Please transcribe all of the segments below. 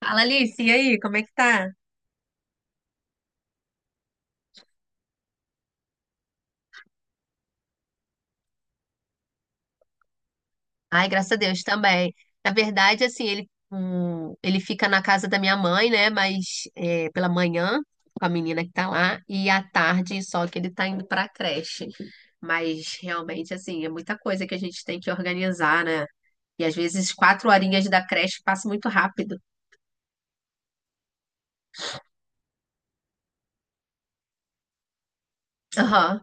Fala, Alice, e aí, como é que tá? Ai, graças a Deus também. Na verdade, assim, ele fica na casa da minha mãe, né? Mas é, pela manhã, com a menina que tá lá, e à tarde, só que ele tá indo pra creche. Mas realmente, assim, é muita coisa que a gente tem que organizar, né? E às vezes quatro horinhas da creche passam muito rápido. Aham.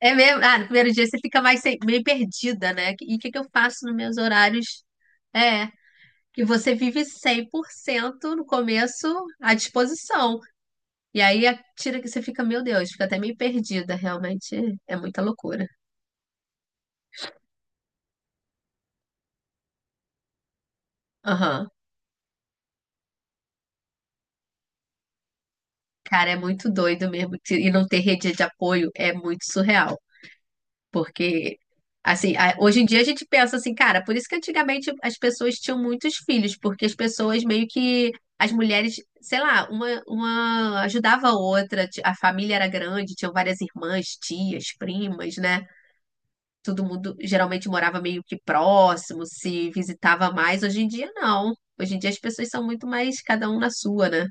É mesmo? Ah, no primeiro dia você fica mais meio perdida, né? E o que que eu faço nos meus horários? É. E você vive 100% no começo à disposição. E aí a tira que você fica, meu Deus, fica até meio perdida, realmente é muita loucura. Aham. Cara, é muito doido mesmo. E não ter rede de apoio é muito surreal. Porque, assim, hoje em dia a gente pensa assim, cara, por isso que antigamente as pessoas tinham muitos filhos, porque as pessoas meio que. As mulheres, sei lá, uma ajudava a outra, a família era grande, tinham várias irmãs, tias, primas, né? Todo mundo geralmente morava meio que próximo, se visitava mais. Hoje em dia, não. Hoje em dia as pessoas são muito mais cada um na sua, né?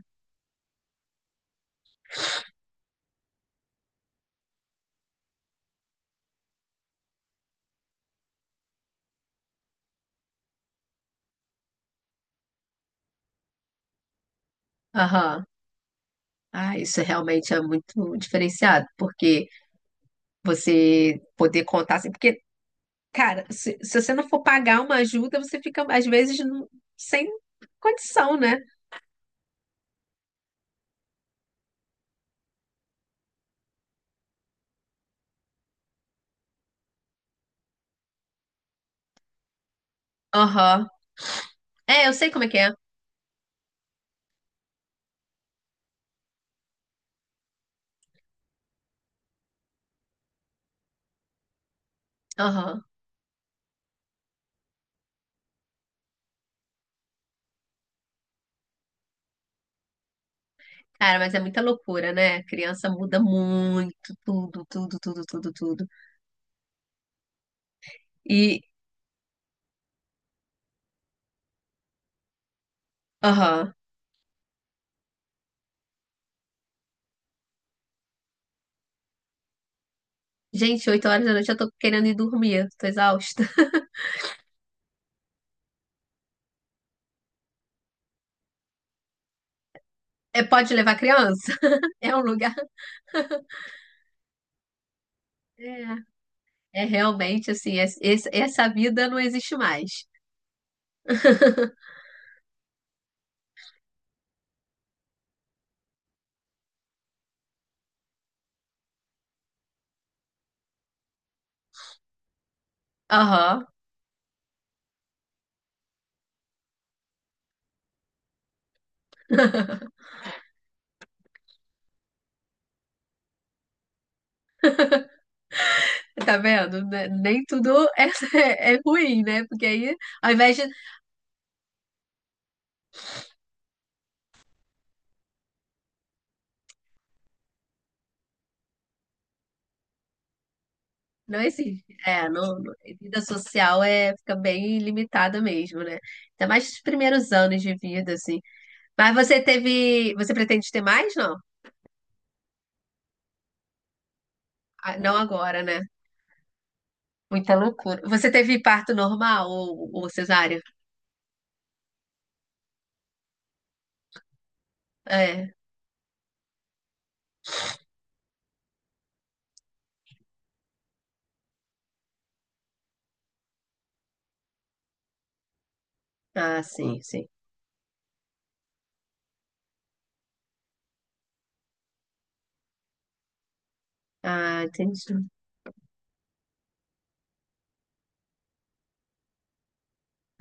Aham. Ah, isso realmente é muito diferenciado, porque você poder contar assim, porque, cara, se você não for pagar uma ajuda, você fica, às vezes, não, sem condição, né? Aham. É, eu sei como é que é. Aham. Cara, mas é muita loucura, né? Criança muda muito, tudo, tudo, tudo, tudo, tudo. E, aham. Gente, 8 horas da noite eu tô querendo ir dormir, tô exausta. É, pode levar criança? É um lugar. É, é realmente assim, essa vida não existe mais. Aham. Tá vendo? Nem tudo é, é ruim, né? Porque aí, ao invés de. Não existe. É, não, vida social é, fica bem limitada mesmo, né? Ainda mais os primeiros anos de vida, assim. Mas você teve. Você pretende ter mais? Não? Ah, não agora, né? Muita loucura. Você teve parto normal ou cesárea? É. Ah, sim, sim. Ah, entendi.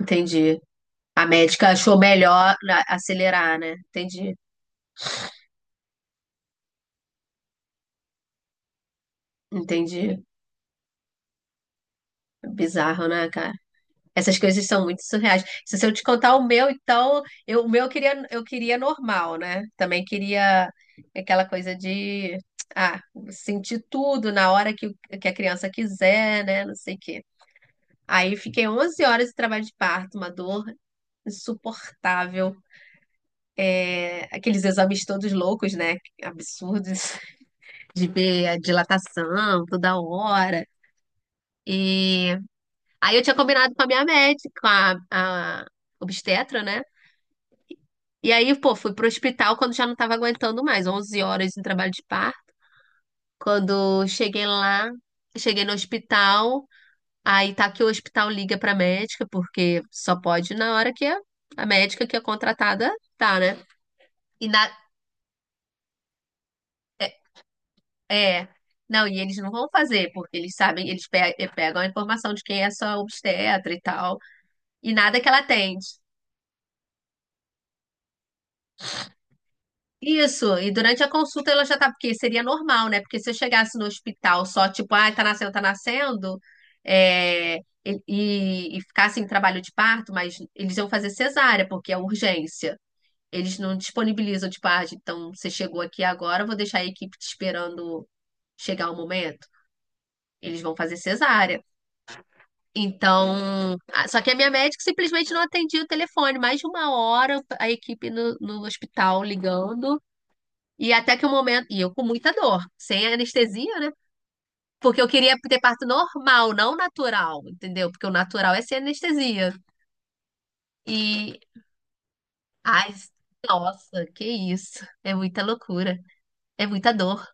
Entendi. A médica achou melhor acelerar, né? Entendi. Entendi. Bizarro, né, cara? Essas coisas são muito surreais. Se eu te contar o meu, então, eu, o meu eu queria normal, né? Também queria aquela coisa de, ah, sentir tudo na hora que, que a criança quiser, né? Não sei o quê. Aí fiquei 11 horas de trabalho de parto, uma dor insuportável. É, aqueles exames todos loucos, né? Absurdos, de ver a dilatação toda hora. E aí eu tinha combinado com a minha médica, com a obstetra, né? E aí, pô, fui pro hospital quando já não tava aguentando mais, 11 horas de trabalho de parto. Quando cheguei lá, cheguei no hospital, aí tá que o hospital liga pra médica, porque só pode na hora que a médica que é contratada tá, né? E na É. Não, e eles não vão fazer, porque eles sabem, eles pegam a informação de quem é sua obstetra e tal, e nada que ela atende. Isso, e durante a consulta ela já tá, porque seria normal, né? Porque se eu chegasse no hospital só, tipo, ah, tá nascendo, é, e ficasse em trabalho de parto, mas eles iam fazer cesárea, porque é urgência. Eles não disponibilizam, tipo, ah, então você chegou aqui agora, eu vou deixar a equipe te esperando chegar o momento. Eles vão fazer cesárea. Então, só que a minha médica simplesmente não atendia o telefone. Mais de uma hora a equipe no, no hospital ligando. E até que o momento. E eu com muita dor, sem anestesia, né? Porque eu queria ter parto normal, não natural, entendeu? Porque o natural é sem anestesia. E. Ai, nossa, que isso. É muita loucura. É muita dor.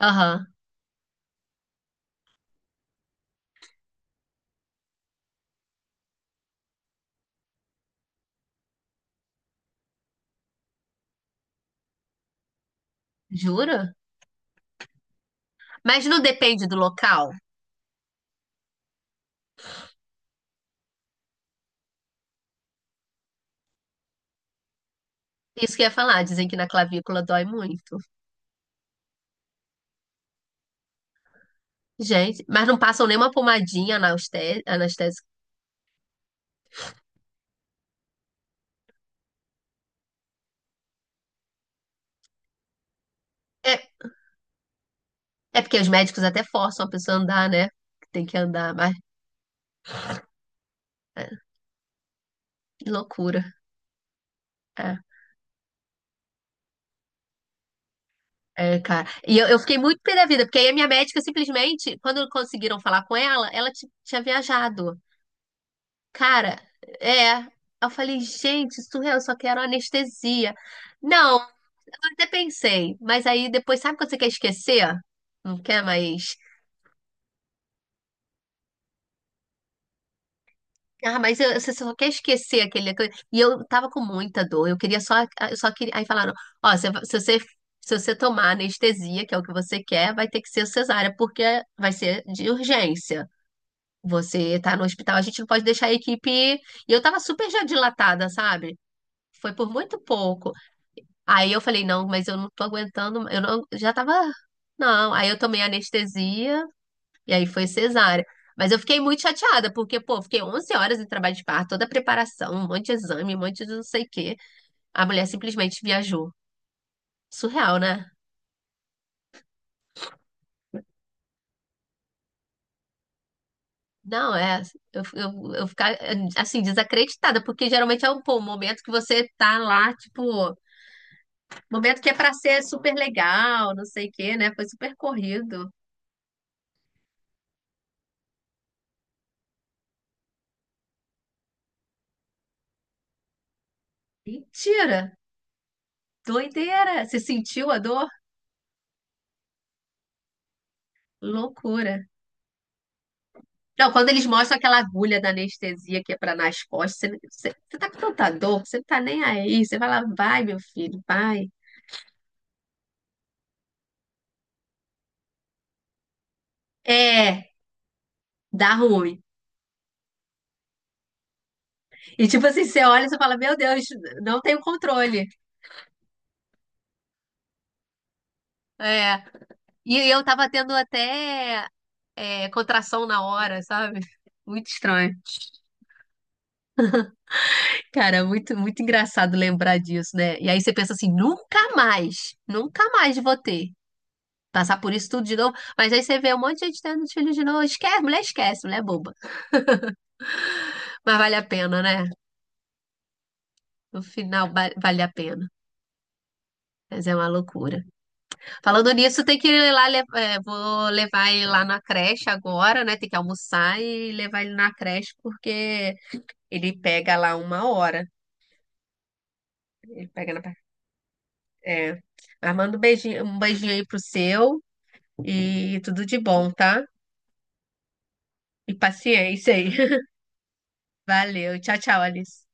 Aham. Jura? Mas não depende do local. Isso que eu ia falar. Dizem que na clavícula dói muito. Gente, mas não passam nenhuma pomadinha anestésica. É, é porque os médicos até forçam a pessoa a andar, né? Tem que andar, mas é, que loucura. É, é, cara. E eu fiquei muito pé da vida, porque aí a minha médica simplesmente, quando conseguiram falar com ela, ela tinha viajado. Cara, é. Eu falei, gente, surreal, eu só quero anestesia. Não, eu até pensei, mas aí depois, sabe quando você quer esquecer? Não quer mais. Ah, mas eu- você só quer esquecer aquele coisa. E eu tava com muita dor. Eu queria só, ah, eu só queria. Aí falaram, ó, se você tomar anestesia, que é o que você quer, vai ter que ser cesárea, porque vai ser de urgência. Você tá no hospital, a gente não pode deixar a equipe ir. E eu tava super já dilatada, sabe? Foi por muito pouco. Aí eu falei, não, mas eu não tô aguentando, eu não, já tava. Não, aí eu tomei anestesia e aí foi cesárea. Mas eu fiquei muito chateada, porque, pô, fiquei 11 horas em trabalho de parto, toda a preparação, um monte de exame, um monte de não sei o quê. A mulher simplesmente viajou. Surreal, né? Não, é. Eu ficar, assim, desacreditada, porque geralmente é um, pô, um momento que você tá lá, tipo, momento que é pra ser super legal, não sei o quê, né? Foi super corrido. Mentira! Doideira! Você sentiu a dor? Loucura. Não, quando eles mostram aquela agulha da anestesia que é pra nas costas, você tá com tanta dor, você não tá nem aí. Você vai lá vai, meu filho, vai. É, dá ruim. E tipo assim, você olha e você fala, meu Deus, não tenho controle. É. E eu tava tendo até é, contração na hora, sabe? Muito estranho. Cara, muito, muito engraçado lembrar disso, né? E aí você pensa assim, nunca mais, nunca mais vou ter. Passar por isso tudo de novo. Mas aí você vê um monte de gente tendo filho de novo. Esquece, mulher é boba. Mas vale a pena, né? No final vale a pena. Mas é uma loucura. Falando nisso, tem que ir lá, é, vou levar ele lá na creche agora, né? Tem que almoçar e levar ele na creche, porque ele pega lá 1 hora. Ele pega É. Mas manda um beijinho aí pro seu e tudo de bom, tá? E paciência aí. Valeu. Tchau, tchau, Alice.